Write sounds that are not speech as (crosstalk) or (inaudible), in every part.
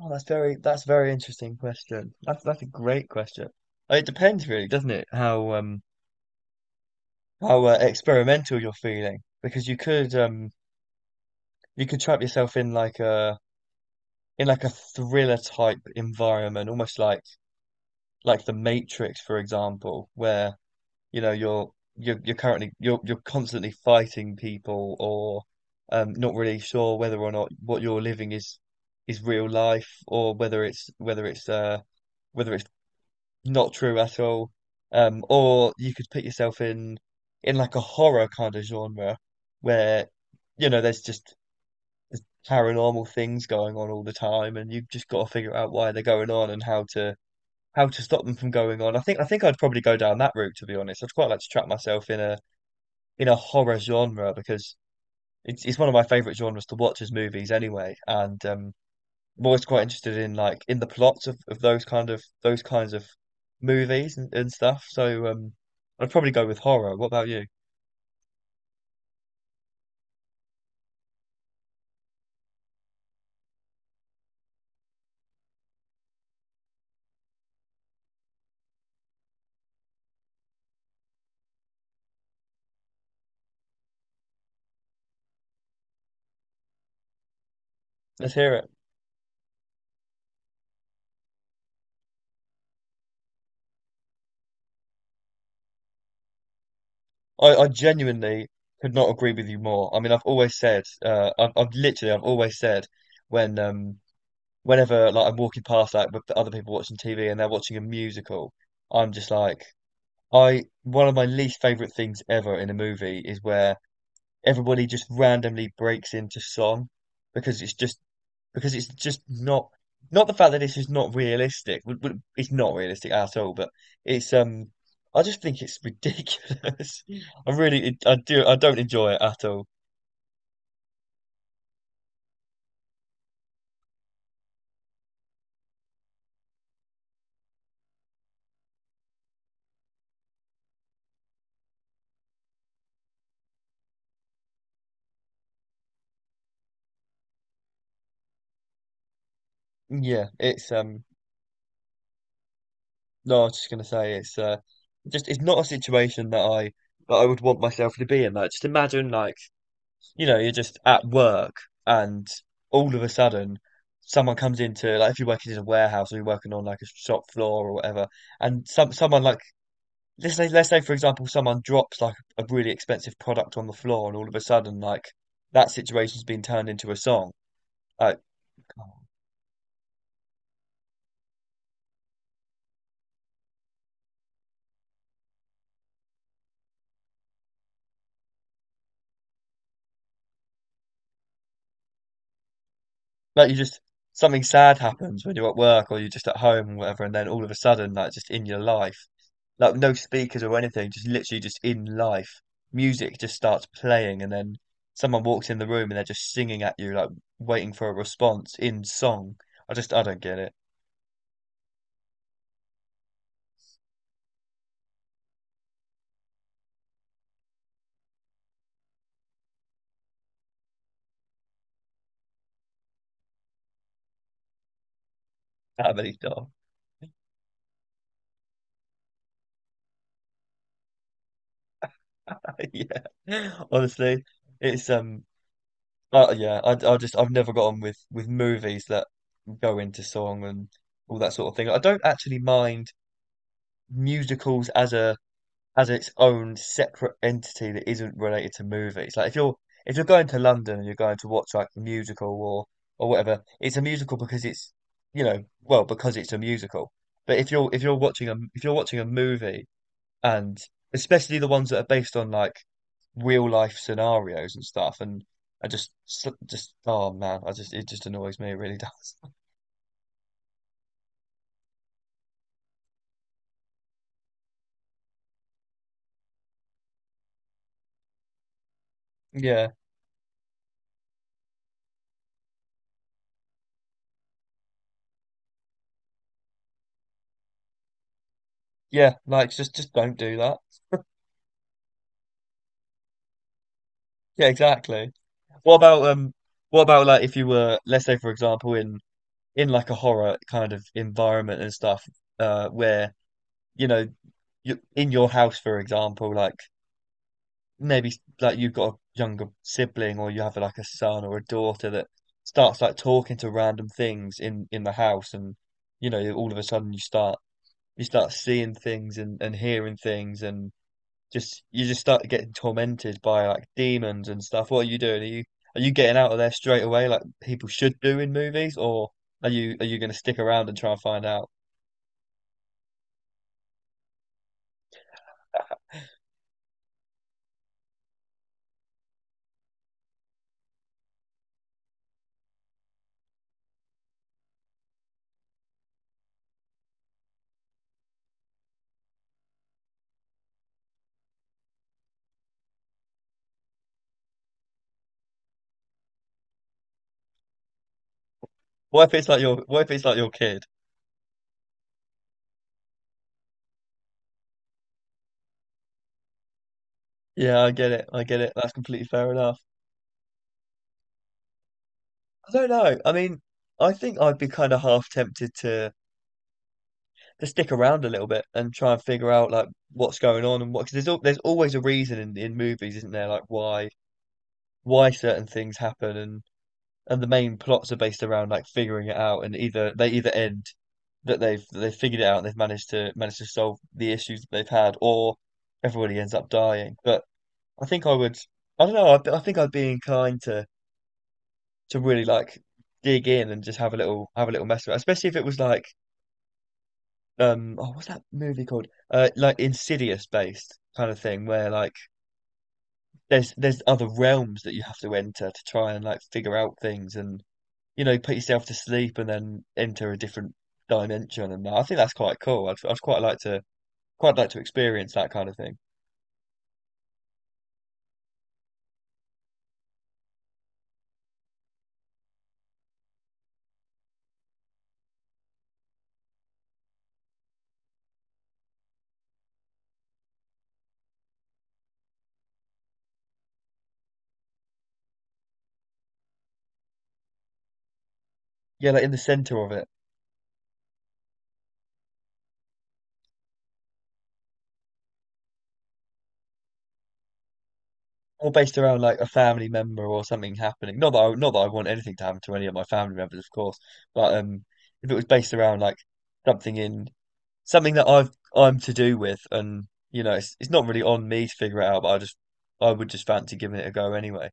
Oh, that's very that's a very interesting question. That's a great question. It depends really, doesn't it? How how experimental you're feeling because you could you could trap yourself in like a thriller type environment, almost like The Matrix, for example, where you know you're currently you're constantly fighting people or not really sure whether or not what you're living is real life or whether it's not true at all. Or you could put yourself in like a horror kind of genre where, you know, there's paranormal things going on all the time and you've just got to figure out why they're going on and how to stop them from going on. I think I'd probably go down that route to be honest. I'd quite like to trap myself in a horror genre because it's one of my favorite genres to watch as movies anyway. And I'm always quite interested in like in the plots of those kinds of movies and stuff. So I'd probably go with horror. What about you? Let's hear it. I genuinely could not agree with you more. I mean, I've always said, I've literally, I've always said when um, whenever like I'm walking past like with the other people watching TV and they're watching a musical, I'm just like, I one of my least favorite things ever in a movie is where everybody just randomly breaks into song because it's just because it's just not the fact that this is not realistic. It's not realistic at all, but it's I just think it's ridiculous. (laughs) I really I don't enjoy it at all. Yeah, it's No, I was just gonna say it's just it's not a situation that I would want myself to be in. Like just imagine like you know you're just at work and all of a sudden someone comes into like if you're working in a warehouse or you're working on like a shop floor or whatever and someone like let's say for example, someone drops like a really expensive product on the floor, and all of a sudden, like that situation's been turned into a song. Like, like you just something sad happens when you're at work or you're just at home or whatever, and then all of a sudden, like just in your life, like no speakers or anything, just literally just in life, music just starts playing, and then someone walks in the room and they're just singing at you, like waiting for a response in song. I don't get it. That many stuff. (laughs) Yeah, honestly, it's yeah, I just I've never got on with movies that go into song and all that sort of thing. I don't actually mind musicals as a as its own separate entity that isn't related to movies. Like if you're going to London and you're going to watch like a musical or whatever, it's a musical because it's you know well because it's a musical. But if you're watching a movie and especially the ones that are based on like real life scenarios and stuff. And I just, s- just, oh man, it just annoys me. It really does. (laughs) Yeah, yeah, like just don't do that. Yeah, exactly. What about um, what about like if you were, let's say, for example, in like a horror kind of environment and stuff, where you know, you in your house, for example, like maybe like you've got a younger sibling or you have like a son or a daughter that starts like talking to random things in the house and you know all of a sudden you start seeing things and hearing things and just you just start getting tormented by like demons and stuff what are you doing are you getting out of there straight away like people should do in movies or are you going to stick around and try and find out what if it's like your what if it's like your kid yeah I get it that's completely fair enough I don't know. I mean, I think I'd be kind of half tempted to stick around a little bit and try and figure out like what's going on and what because there's always a reason in movies, isn't there? Like why certain things happen and the main plots are based around like figuring it out and either they either end that they've figured it out and they've managed to solve the issues that they've had or everybody ends up dying. But I think I would I don't know. I think I'd be inclined to really like dig in and just have a little mess with it, especially if it was like oh what's that movie called? Like Insidious based kind of thing where like there's other realms that you have to enter to try and like figure out things and you know put yourself to sleep and then enter a different dimension and I think that's quite cool. I'd quite like to experience that kind of thing. Yeah, like in the center of it. Or based around like a family member or something happening. Not that I want anything to happen to any of my family members, of course, but if it was based around like something in something that I'm to do with, and you know, it's not really on me to figure it out, but I would just fancy giving it a go anyway.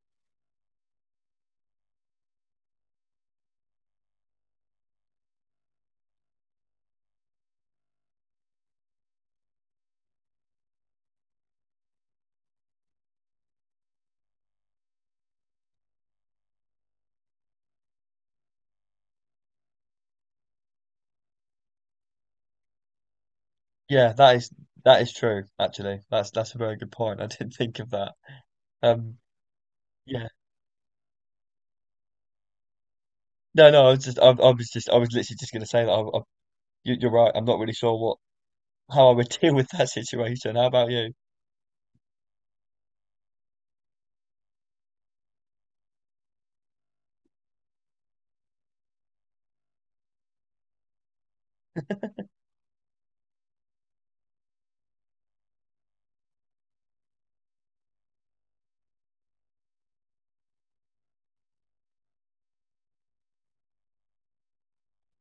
Yeah, that is true. Actually, that's a very good point. I (laughs) didn't think of that. Um, yeah, no, I was just I was literally just going to say that. You, you're right. I'm not really sure what how I would (laughs) deal with that situation. How about you? (laughs)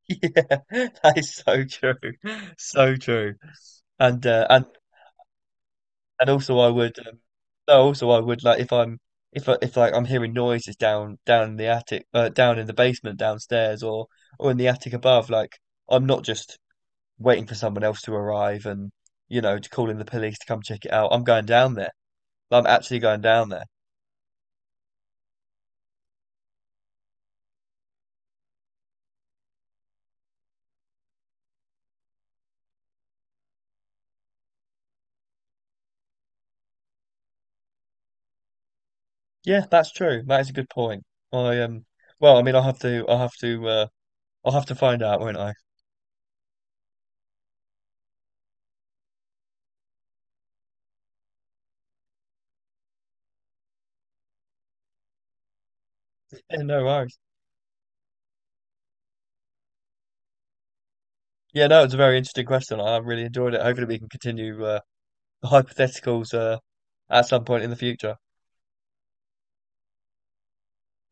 Yeah, that is so true, so true. And uh, and And also, I would. No, also, I would like if I'm if like I'm hearing noises down down in the attic, down in the basement downstairs, or in the attic above. Like I'm not just waiting for someone else to arrive and you know to call in the police to come check it out. I'm going down there. I'm actually going down there. Yeah, that's true. That is a good point. I. Well, I mean, I'll have to. I'll have to find out, won't I? (laughs) Yeah, no worries. Yeah, no, it's a very interesting question. I really enjoyed it. Hopefully, we can continue. The hypotheticals at some point in the future.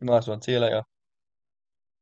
Nice one. See you later.